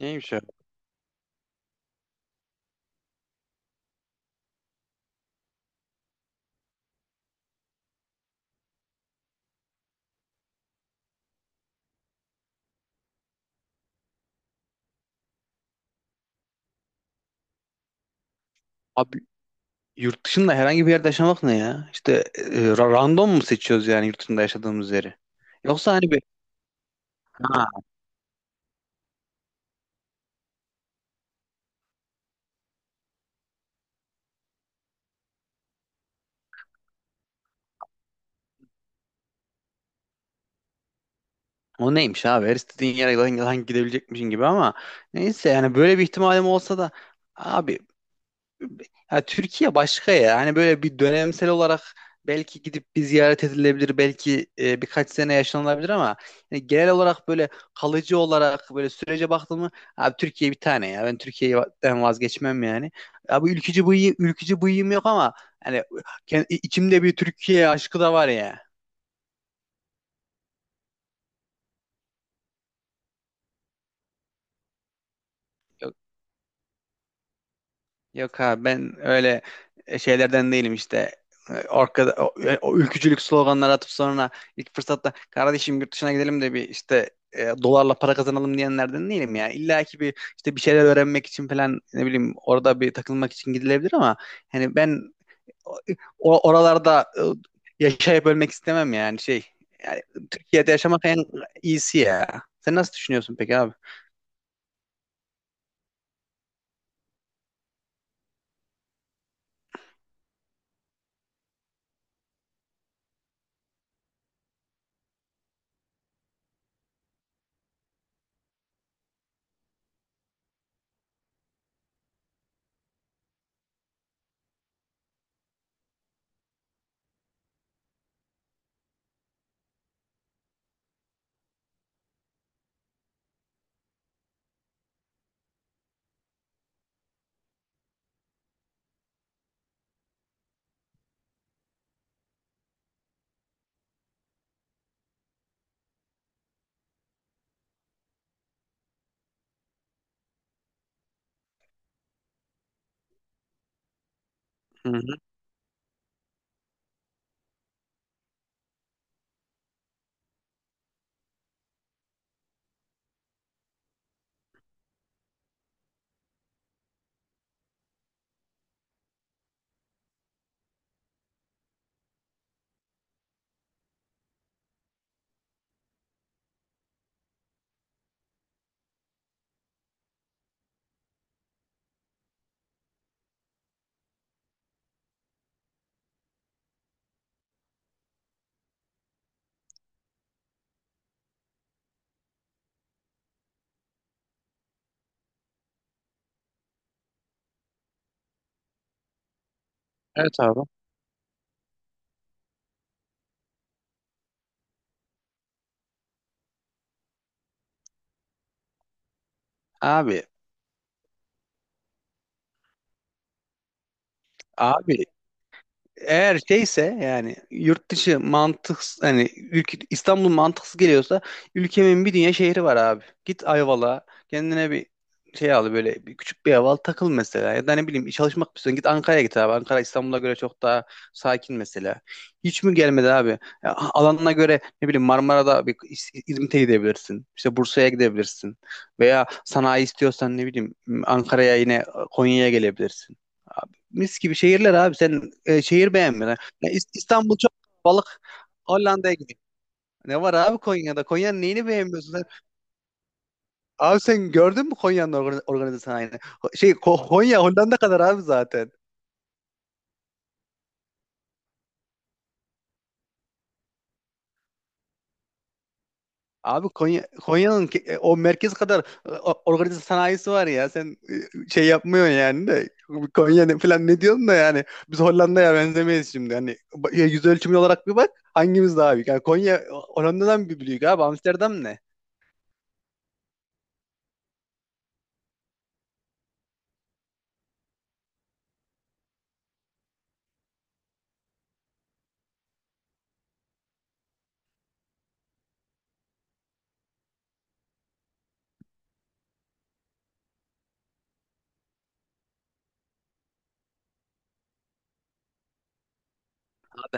Neymiş ya? Abi yurt dışında herhangi bir yerde yaşamak ne ya? İşte random mu seçiyoruz, yani yurt dışında yaşadığımız yeri? Yoksa hani bir ha, o neymiş abi, her istediğin yere lan gidebilecekmişin gibi ama neyse, yani böyle bir ihtimalim olsa da abi, ya Türkiye başka ya. Hani böyle bir dönemsel olarak belki gidip bir ziyaret edilebilir, belki birkaç sene yaşanılabilir ama yani genel olarak böyle kalıcı olarak böyle sürece baktım mı, abi Türkiye bir tane ya. Ben Türkiye'den vazgeçmem yani. Abi ülkücü bıyığım yok ama hani içimde bir Türkiye aşkı da var ya. Yok abi, ben öyle şeylerden değilim işte. O ülkücülük sloganları atıp sonra ilk fırsatta kardeşim yurt dışına gidelim de bir işte dolarla para kazanalım diyenlerden değilim ya. İlla ki bir işte bir şeyler öğrenmek için falan, ne bileyim, orada bir takılmak için gidilebilir ama hani ben oralarda yaşayıp ölmek istemem yani şey. Yani Türkiye'de yaşamak en iyisi ya. Sen nasıl düşünüyorsun peki abi? Hı hı. Evet abi. Abi, abi, eğer şeyse yani yurt dışı mantık, hani ülke, İstanbul mantıksız geliyorsa ülkemin bir dünya şehri var abi. Git Ayvalık'a, kendine bir şey al, böyle bir küçük bir ev al takıl mesela, ya da ne bileyim, çalışmak istiyorsan git Ankara'ya, git abi. Ankara İstanbul'a göre çok daha sakin mesela. Hiç mi gelmedi abi? Ya, alanına göre ne bileyim, Marmara'da bir İzmit'e gidebilirsin. İşte Bursa'ya gidebilirsin. Veya sanayi istiyorsan, ne bileyim, Ankara'ya, yine Konya'ya gelebilirsin, mis gibi şehirler abi. Sen şehir beğenmiyorsun. Ya İstanbul çok balık. Hollanda'ya gidiyor. Ne var abi Konya'da? Konya'nın neyini beğenmiyorsun sen? Abi sen gördün mü Konya'nın organize sanayini? Konya Hollanda kadar abi zaten. Abi, Konya'nın o merkez kadar organize sanayisi var ya. Sen şey yapmıyorsun yani de, Konya ne falan ne diyorsun da yani biz Hollanda'ya benzemeyiz şimdi. Hani yüz ölçümü olarak bir bak, hangimiz daha büyük? Yani Konya Hollanda'dan bir büyük abi. Amsterdam ne?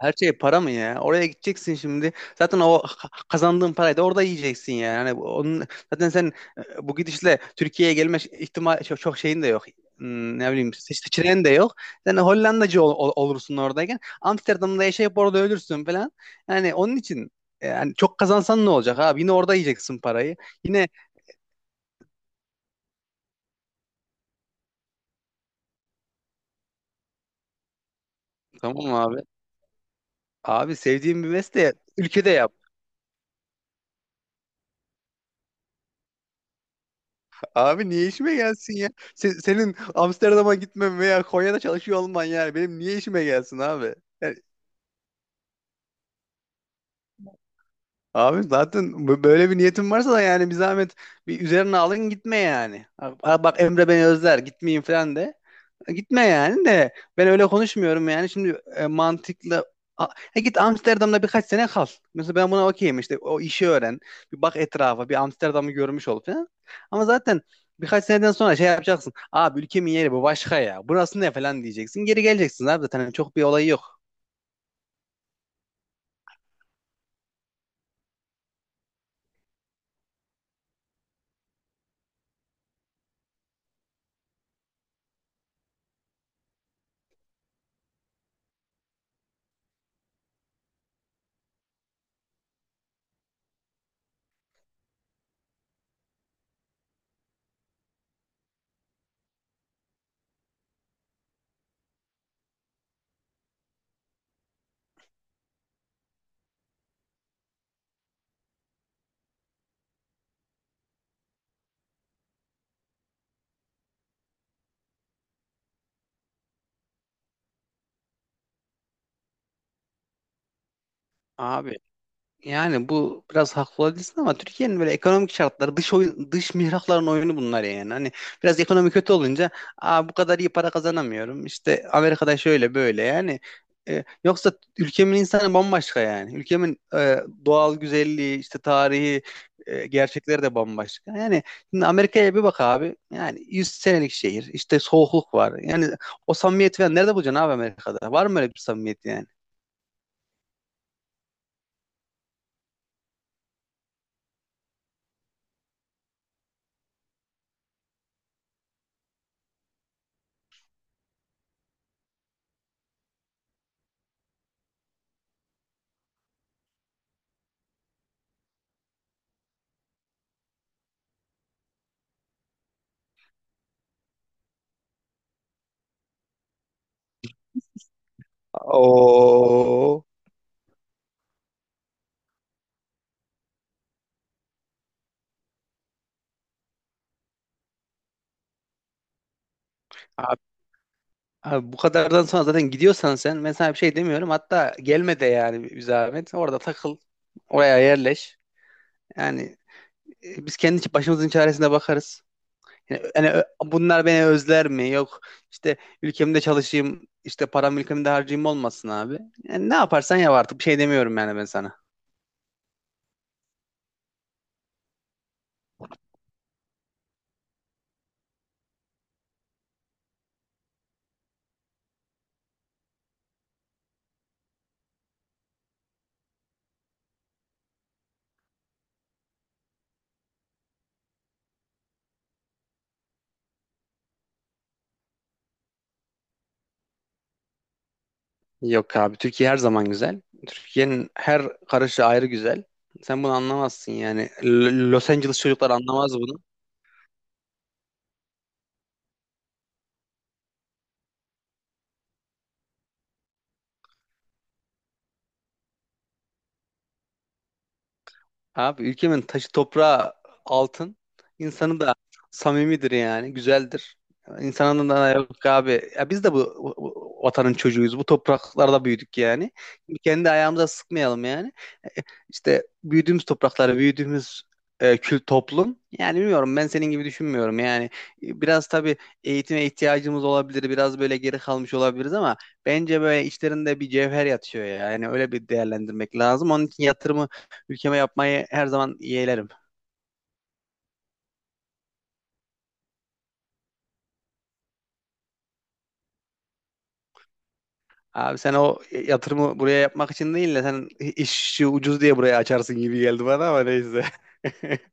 Her şey para mı ya? Oraya gideceksin şimdi. Zaten o kazandığın parayı da orada yiyeceksin yani. Hani onun zaten sen bu gidişle Türkiye'ye gelme ihtimal çok şeyin de yok. Hmm, ne bileyim, seçeneğin de yok. Sen Hollandacı olursun oradayken. Amsterdam'da yaşayıp orada ölürsün falan. Yani onun için yani çok kazansan ne olacak abi? Yine orada yiyeceksin parayı. Yine tamam abi. Abi, sevdiğin bir mesleği ülkede yap. Abi niye işime gelsin ya? Senin Amsterdam'a gitmem veya Konya'da çalışıyor olman yani benim niye işime gelsin abi? Yani, abi zaten böyle bir niyetin varsa da yani bir zahmet bir üzerine alın, gitme yani. Ha Bak, Emre beni özler, gitmeyin falan de. Gitme yani de, ben öyle konuşmuyorum yani şimdi, mantıklı A- git Amsterdam'da birkaç sene kal. Mesela ben buna okeyim, işte o işi öğren. Bir bak etrafa, bir Amsterdam'ı görmüş ol falan. Ama zaten birkaç seneden sonra şey yapacaksın. Abi ülkemin yeri bu başka ya. Burası ne falan diyeceksin. Geri geleceksin abi zaten. Hani çok bir olayı yok. Abi yani bu biraz haklı olabilirsin ama Türkiye'nin böyle ekonomik şartları dış oyun, dış mihrakların oyunu bunlar yani. Hani biraz ekonomi kötü olunca, aa, bu kadar iyi para kazanamıyorum. İşte Amerika'da şöyle böyle yani. E, yoksa ülkemin insanı bambaşka yani. Ülkemin doğal güzelliği, işte tarihi, gerçekleri de bambaşka. Yani şimdi Amerika'ya bir bak abi. Yani 100 senelik şehir, işte soğukluk var. Yani o samimiyeti falan nerede bulacaksın abi Amerika'da? Var mı öyle bir samimiyet yani? Oo. Abi bu kadardan sonra zaten gidiyorsan sen, ben sana bir şey demiyorum. Hatta gelme de yani bir zahmet. Orada takıl. Oraya yerleş. Yani biz kendi başımızın çaresine bakarız. Yani, bunlar beni özler mi? Yok işte, ülkemde çalışayım, işte param ülkemde harcayayım olmasın abi. Yani ne yaparsan yap artık, bir şey demiyorum yani ben sana. Yok abi, Türkiye her zaman güzel. Türkiye'nin her karışı ayrı güzel. Sen bunu anlamazsın yani. Los Angeles çocuklar anlamaz bunu. Abi ülkemin taşı toprağı altın. İnsanı da samimidir yani. Güzeldir. İnsanın da yok abi. Ya biz de bu vatanın çocuğuyuz. Bu topraklarda büyüdük yani. Kendi ayağımıza sıkmayalım yani. İşte büyüdüğümüz topraklar, büyüdüğümüz kült toplum. Yani bilmiyorum, ben senin gibi düşünmüyorum. Yani biraz tabii eğitime ihtiyacımız olabilir. Biraz böyle geri kalmış olabiliriz ama bence böyle içlerinde bir cevher yatıyor ya. Yani öyle bir değerlendirmek lazım. Onun için yatırımı ülkeme yapmayı her zaman yeğlerim. Abi, yatırımı buraya yapmak için değil de sen işi ucuz diye buraya açarsın gibi geldi bana, ama neyse.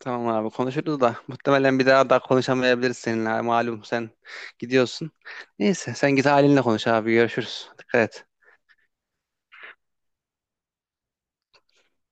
Tamam abi, konuşuruz da muhtemelen bir daha konuşamayabiliriz seninle, malum sen gidiyorsun. Neyse, sen git halinle konuş abi, görüşürüz. Dikkat et.